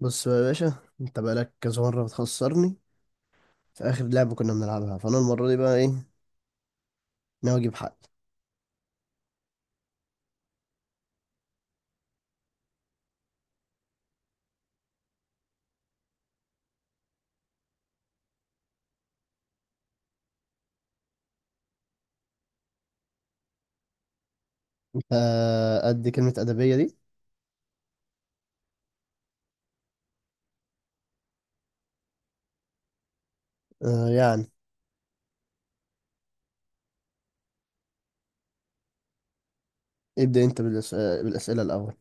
بص بقى يا باشا، انت بقالك كذا مرة بتخسرني في آخر لعبة كنا بنلعبها، فأنا المرة دي بقى ايه، ناوي أجيب حق. آه، قد كلمة أدبية دي؟ آه يعني. ابدأ انت بالأسئلة الأول.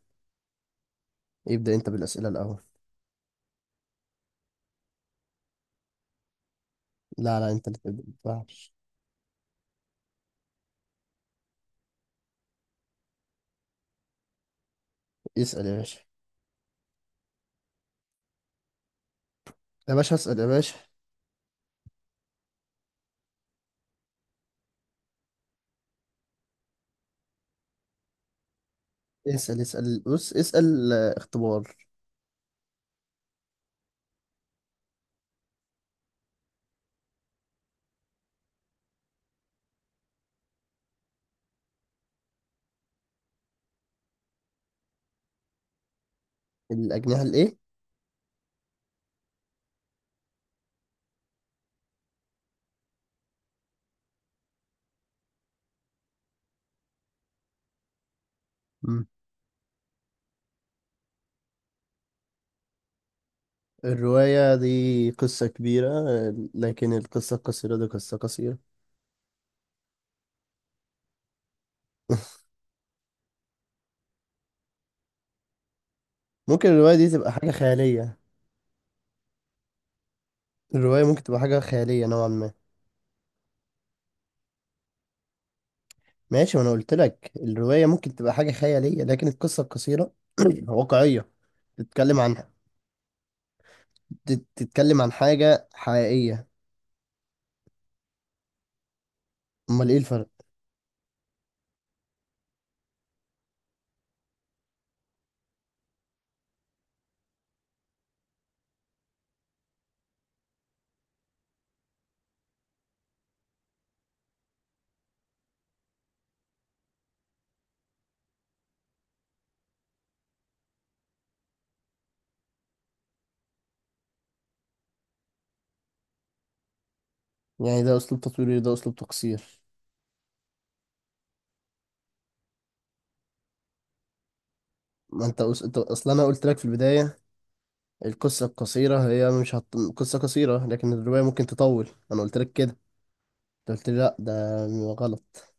ابدأ انت بالأسئلة الأول. لا لا، انت اللي تبدأ، متنفعش. اسأل يا باشا. يا باشا اسأل يا باشا. اسأل اسأل، بص اسأل، اختبار. الأجنحة الإيه؟ مم. الرواية دي قصة كبيرة، لكن القصة القصيرة دي قصة قصيرة. ممكن الرواية دي تبقى حاجة خيالية. الرواية ممكن تبقى حاجة خيالية نوعا ما. ماشي، وانا قلت لك الرواية ممكن تبقى حاجة خيالية، لكن القصة القصيرة واقعية. تتكلم عن، تتكلم عن حاجة حقيقية. امال ايه الفرق؟ يعني ده اسلوب تصويري، ده اسلوب تقصير. ما انت اصلا انا قلت لك في البداية، القصة القصيرة هي مش هت... قصة قصيرة، لكن الرواية ممكن تطول، انا قلت لك كده. انت قلت لي لا، ده غلط.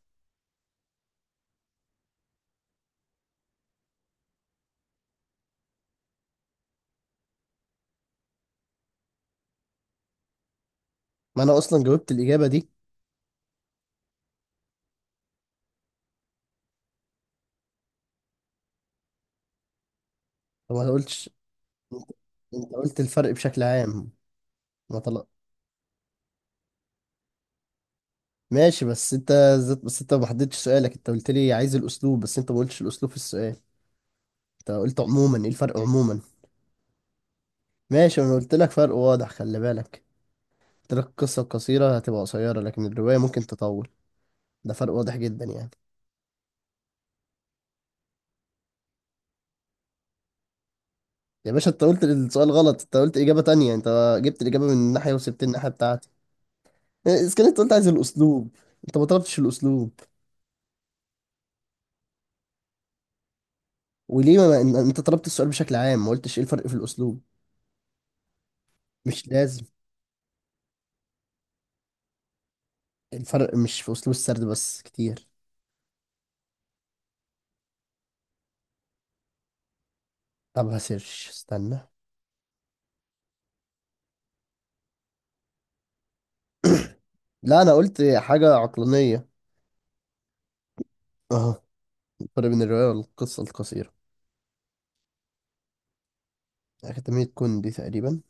ما انا اصلا جاوبت الإجابة دي. وما قلتش. انت قلت الفرق بشكل عام. ما طلع. ماشي، بس انت، ذات بس انت ما حددتش سؤالك، انت قلت لي عايز الاسلوب، بس انت ما قلتش الاسلوب في السؤال. انت قلت عموما ايه الفرق عموما؟ ماشي، انا قلت لك فرق واضح، خلي بالك. قلت لك القصه القصيره هتبقى قصيره، لكن الروايه ممكن تطول. ده فرق واضح جدا يعني. يا باشا، انت قلت السؤال غلط، انت قلت اجابه تانية، انت جبت الاجابه من ناحيه، وسبت الناحيه بتاعتي. اذا كان انت قلت عايز الاسلوب، انت ما طلبتش الاسلوب. وليه انت طلبت السؤال بشكل عام، ما قلتش ايه الفرق في الاسلوب. مش لازم. الفرق مش في اسلوب السرد بس، كتير. طب هسيرش، استنى. لا، انا قلت حاجة عقلانية. اه، الفرق بين الرواية والقصة القصيرة، أكاديمية كوندي تقريبا.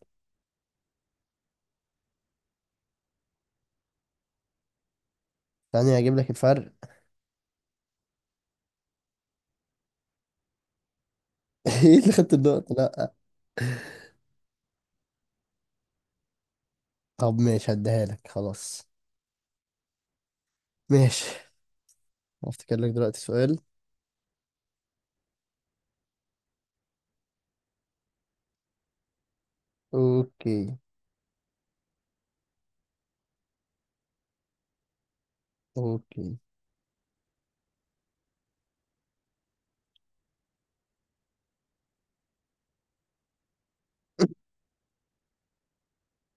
ثانية هجيب لك الفرق. ايه اللي خدت النقطة؟ لا. طب ماشي، هديها لك خلاص. ماشي. هفتكر لك دلوقتي سؤال. اوكي. اوكي.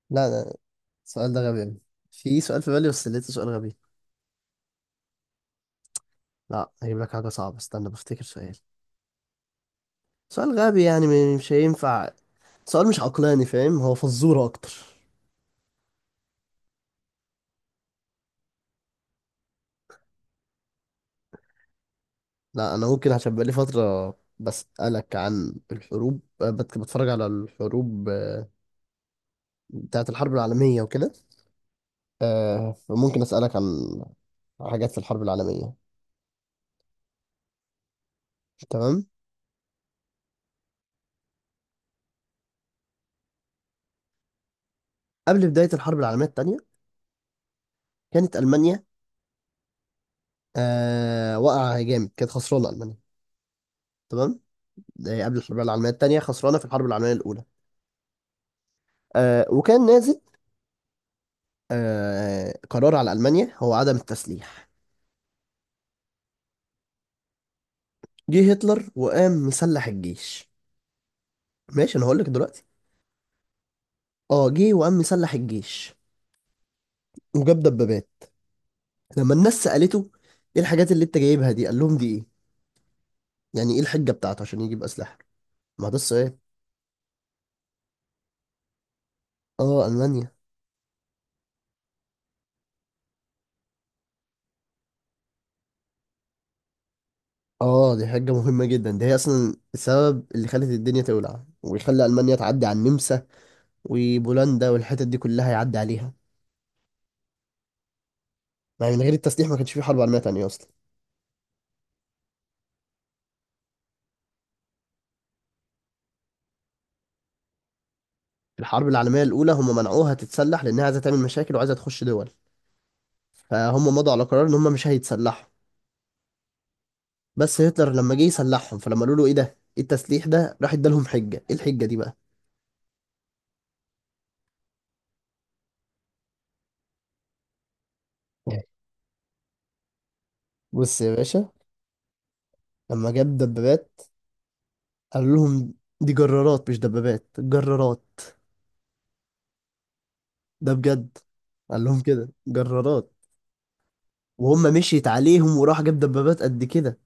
لا لا. السؤال ده غبي أوي. في سؤال في بالي، بس لقيته سؤال غبي. لا، هجيب لك حاجة صعبة، استنى بفتكر سؤال. سؤال غبي، يعني مش هينفع. سؤال مش عقلاني، فاهم؟ هو فزورة أكتر. لا انا ممكن، عشان بقالي فتره بسالك عن الحروب، بتفرج على الحروب، بتاعه الحرب العالميه وكده. فممكن اسالك عن حاجات في الحرب العالميه. تمام. قبل بدايه الحرب العالميه الثانيه، كانت المانيا واقعه جامد، كانت خسرانه المانيا. تمام. ده قبل الحرب العالميه الثانيه، خسرانه في الحرب العالميه الاولى. وكان نازل قرار على المانيا هو عدم التسليح. جه هتلر وقام مسلح الجيش. ماشي، انا هقول لك دلوقتي. اه، جه وقام مسلح الجيش وجاب دبابات. لما الناس سألته ايه الحاجات اللي انت جايبها دي، قال لهم دي ايه. يعني ايه الحجة بتاعته عشان يجيب أسلحة. ما ده السؤال. اه، ألمانيا. اه، دي حاجة مهمة جدا، دي هي أصلا السبب اللي خلت الدنيا تولع، ويخلي ألمانيا تعدي على النمسا وبولندا والحتت دي كلها، يعدي عليها. يعني من غير التسليح ما كانش في حرب عالمية تانية أصلا. في الحرب العالمية الأولى هم منعوها تتسلح، لأنها عايزة تعمل مشاكل وعايزة تخش دول، فهم مضوا على قرار إن هم مش هيتسلحوا. بس هتلر لما جه يسلحهم، فلما قالوا له ايه ده، ايه التسليح ده، راح ادالهم حجة. ايه الحجة دي بقى؟ بص يا باشا، لما جاب دبابات قال لهم دي جرارات، مش دبابات، جرارات. ده بجد. قال لهم كده جرارات، وهم مشيت عليهم، وراح جاب دبابات قد كده.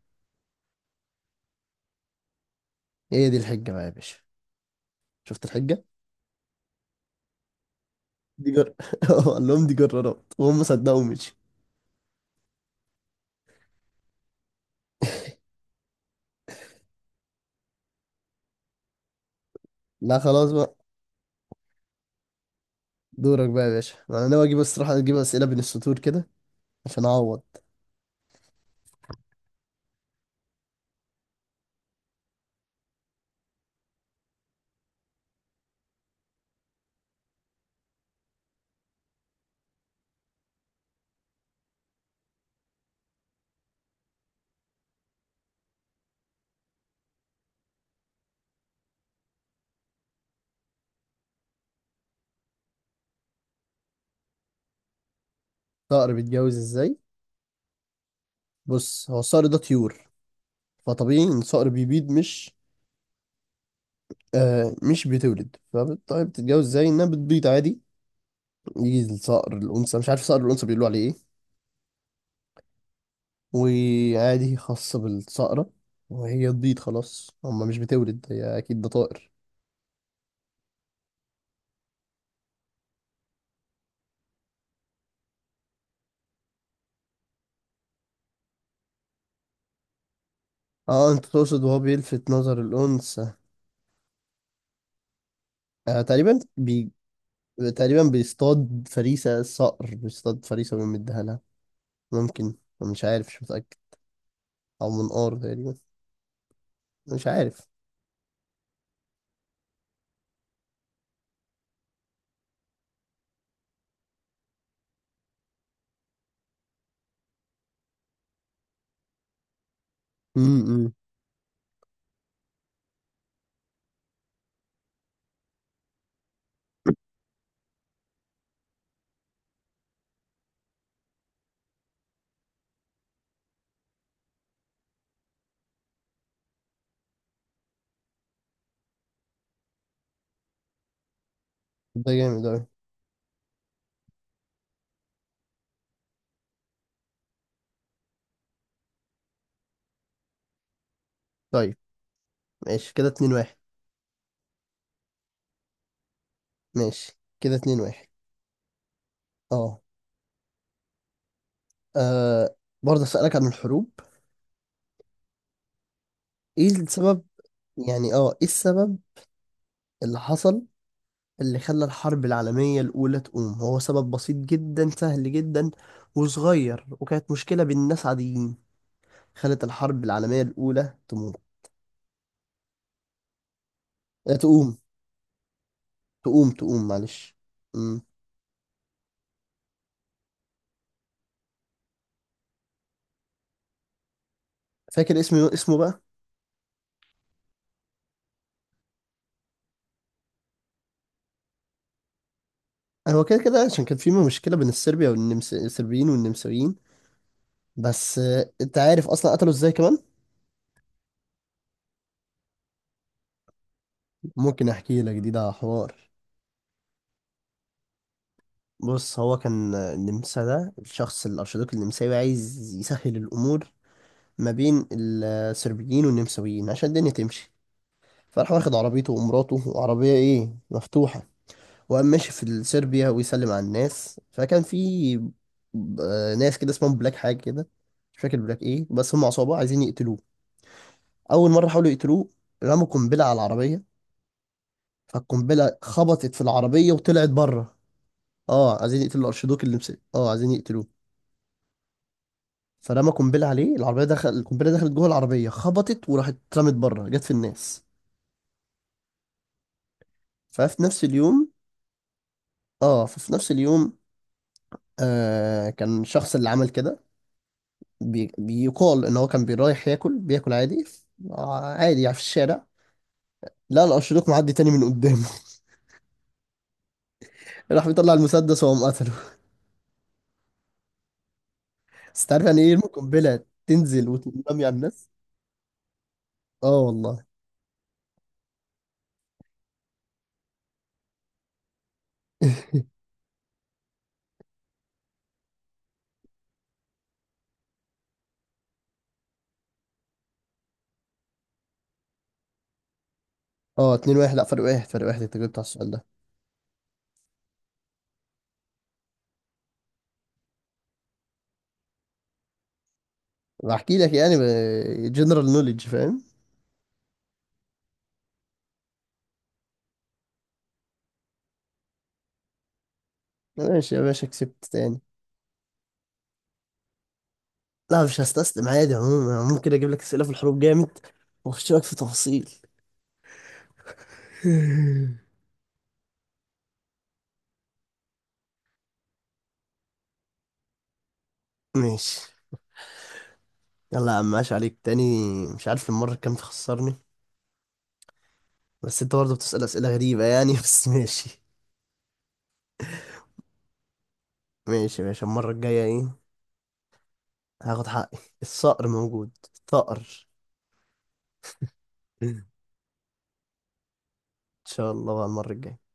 هي دي الحجة بقى يا باشا. شفت الحجة؟ دي جر قال لهم دي جرارات، وهم صدقوا، مشي. لا خلاص بقى. دورك بقى يا باشا، انا ناوي اجيب، الصراحة، اجيب اسئلة بين السطور كده، عشان اعوض. صقر بيتجوز ازاي؟ بص، هو الصقر ده طيور، فطبيعي ان الصقر بيبيض، مش مش بتولد. فطيب بتتجوز ازاي؟ انها بتبيض عادي. يجي الصقر الانثى، مش عارف صقر الانثى بيقولوا عليه ايه، وعادي خاصة بالصقرة، وهي تبيض خلاص. هما مش بتولد، هي اكيد ده طائر. اه، انت تقصد وهو بيلفت نظر الانثى. آه تقريبا بي... تقريبا بيصطاد فريسة، الصقر بيصطاد فريسة ويمدها لها. ممكن. مش عارف، مش متأكد. او منقار تقريبا. مش عارف. امم. ده جامد أوي. طيب. ماشي كده اتنين واحد. ماشي كده اتنين واحد. اه. آه، برضه اسألك عن الحروب. ايه السبب؟ يعني ايه السبب اللي حصل، اللي خلى الحرب العالمية الأولى تقوم؟ هو سبب بسيط جدا، سهل جدا وصغير، وكانت مشكلة بين ناس عاديين، خلت الحرب العالمية الأولى تموت. تقوم، تقوم تقوم، معلش. مم. فاكر اسمه، اسمه بقى. هو كده كده، عشان كان في مشكلة بين الصربيا والنمس، الصربيين والنمساويين. بس انت عارف اصلا قتلوا ازاي كمان؟ ممكن احكي لك، دي ده حوار. بص، هو كان النمسا ده الشخص الارشدوك النمساوي عايز يسهل الامور ما بين الصربيين والنمساويين، عشان الدنيا تمشي. فراح واخد عربيته ومراته، وعربيه ايه، مفتوحه، وقام ماشي في صربيا ويسلم على الناس. فكان في ب- ناس كده اسمهم بلاك حاجه كده، مش فاكر بلاك ايه، بس هم عصابه عايزين يقتلوه. اول مره حاولوا يقتلوه، رموا قنبله على العربيه، فالقنبله خبطت في العربيه وطلعت بره. اه، عايزين يقتلوا الارشيدوك، اه عايزين يقتلوه. فرمى قنبله عليه العربيه، دخل القنبله، دخلت جوه العربيه، خبطت وراحت اترمت بره، جت في الناس. ففي نفس اليوم. اه، ففي نفس اليوم كان الشخص اللي عمل كده، بيقال ان هو كان رايح ياكل، بياكل عادي، عادي يعني في الشارع، لقى الارشيدوك معدي تاني من قدامه. راح بيطلع المسدس وقام قتله. بس تعرف يعني ايه يرمي قنبله تنزل وتنرمي على الناس. اه والله. اه، 2-1. لا، فرق واحد، فرق واحد انت جبت على السؤال ده. بحكي لك، يعني جنرال نوليدج، فاهم. ماشي يا باشا، كسبت تاني. لا مش هستسلم، عادي. عموما ممكن اجيب لك اسئله في الحروب جامد، واخش لك في تفاصيل. ماشي. يلا يا عم، ماشي عليك تاني. مش عارف المره كام تخسرني. بس انت برضه بتسال اسئله غريبه يعني. بس ماشي. ماشي يا باشا، المره الجايه ايه، هاخد حقي، الصقر موجود، الثأر. ان شاء الله بقى المره الجايه.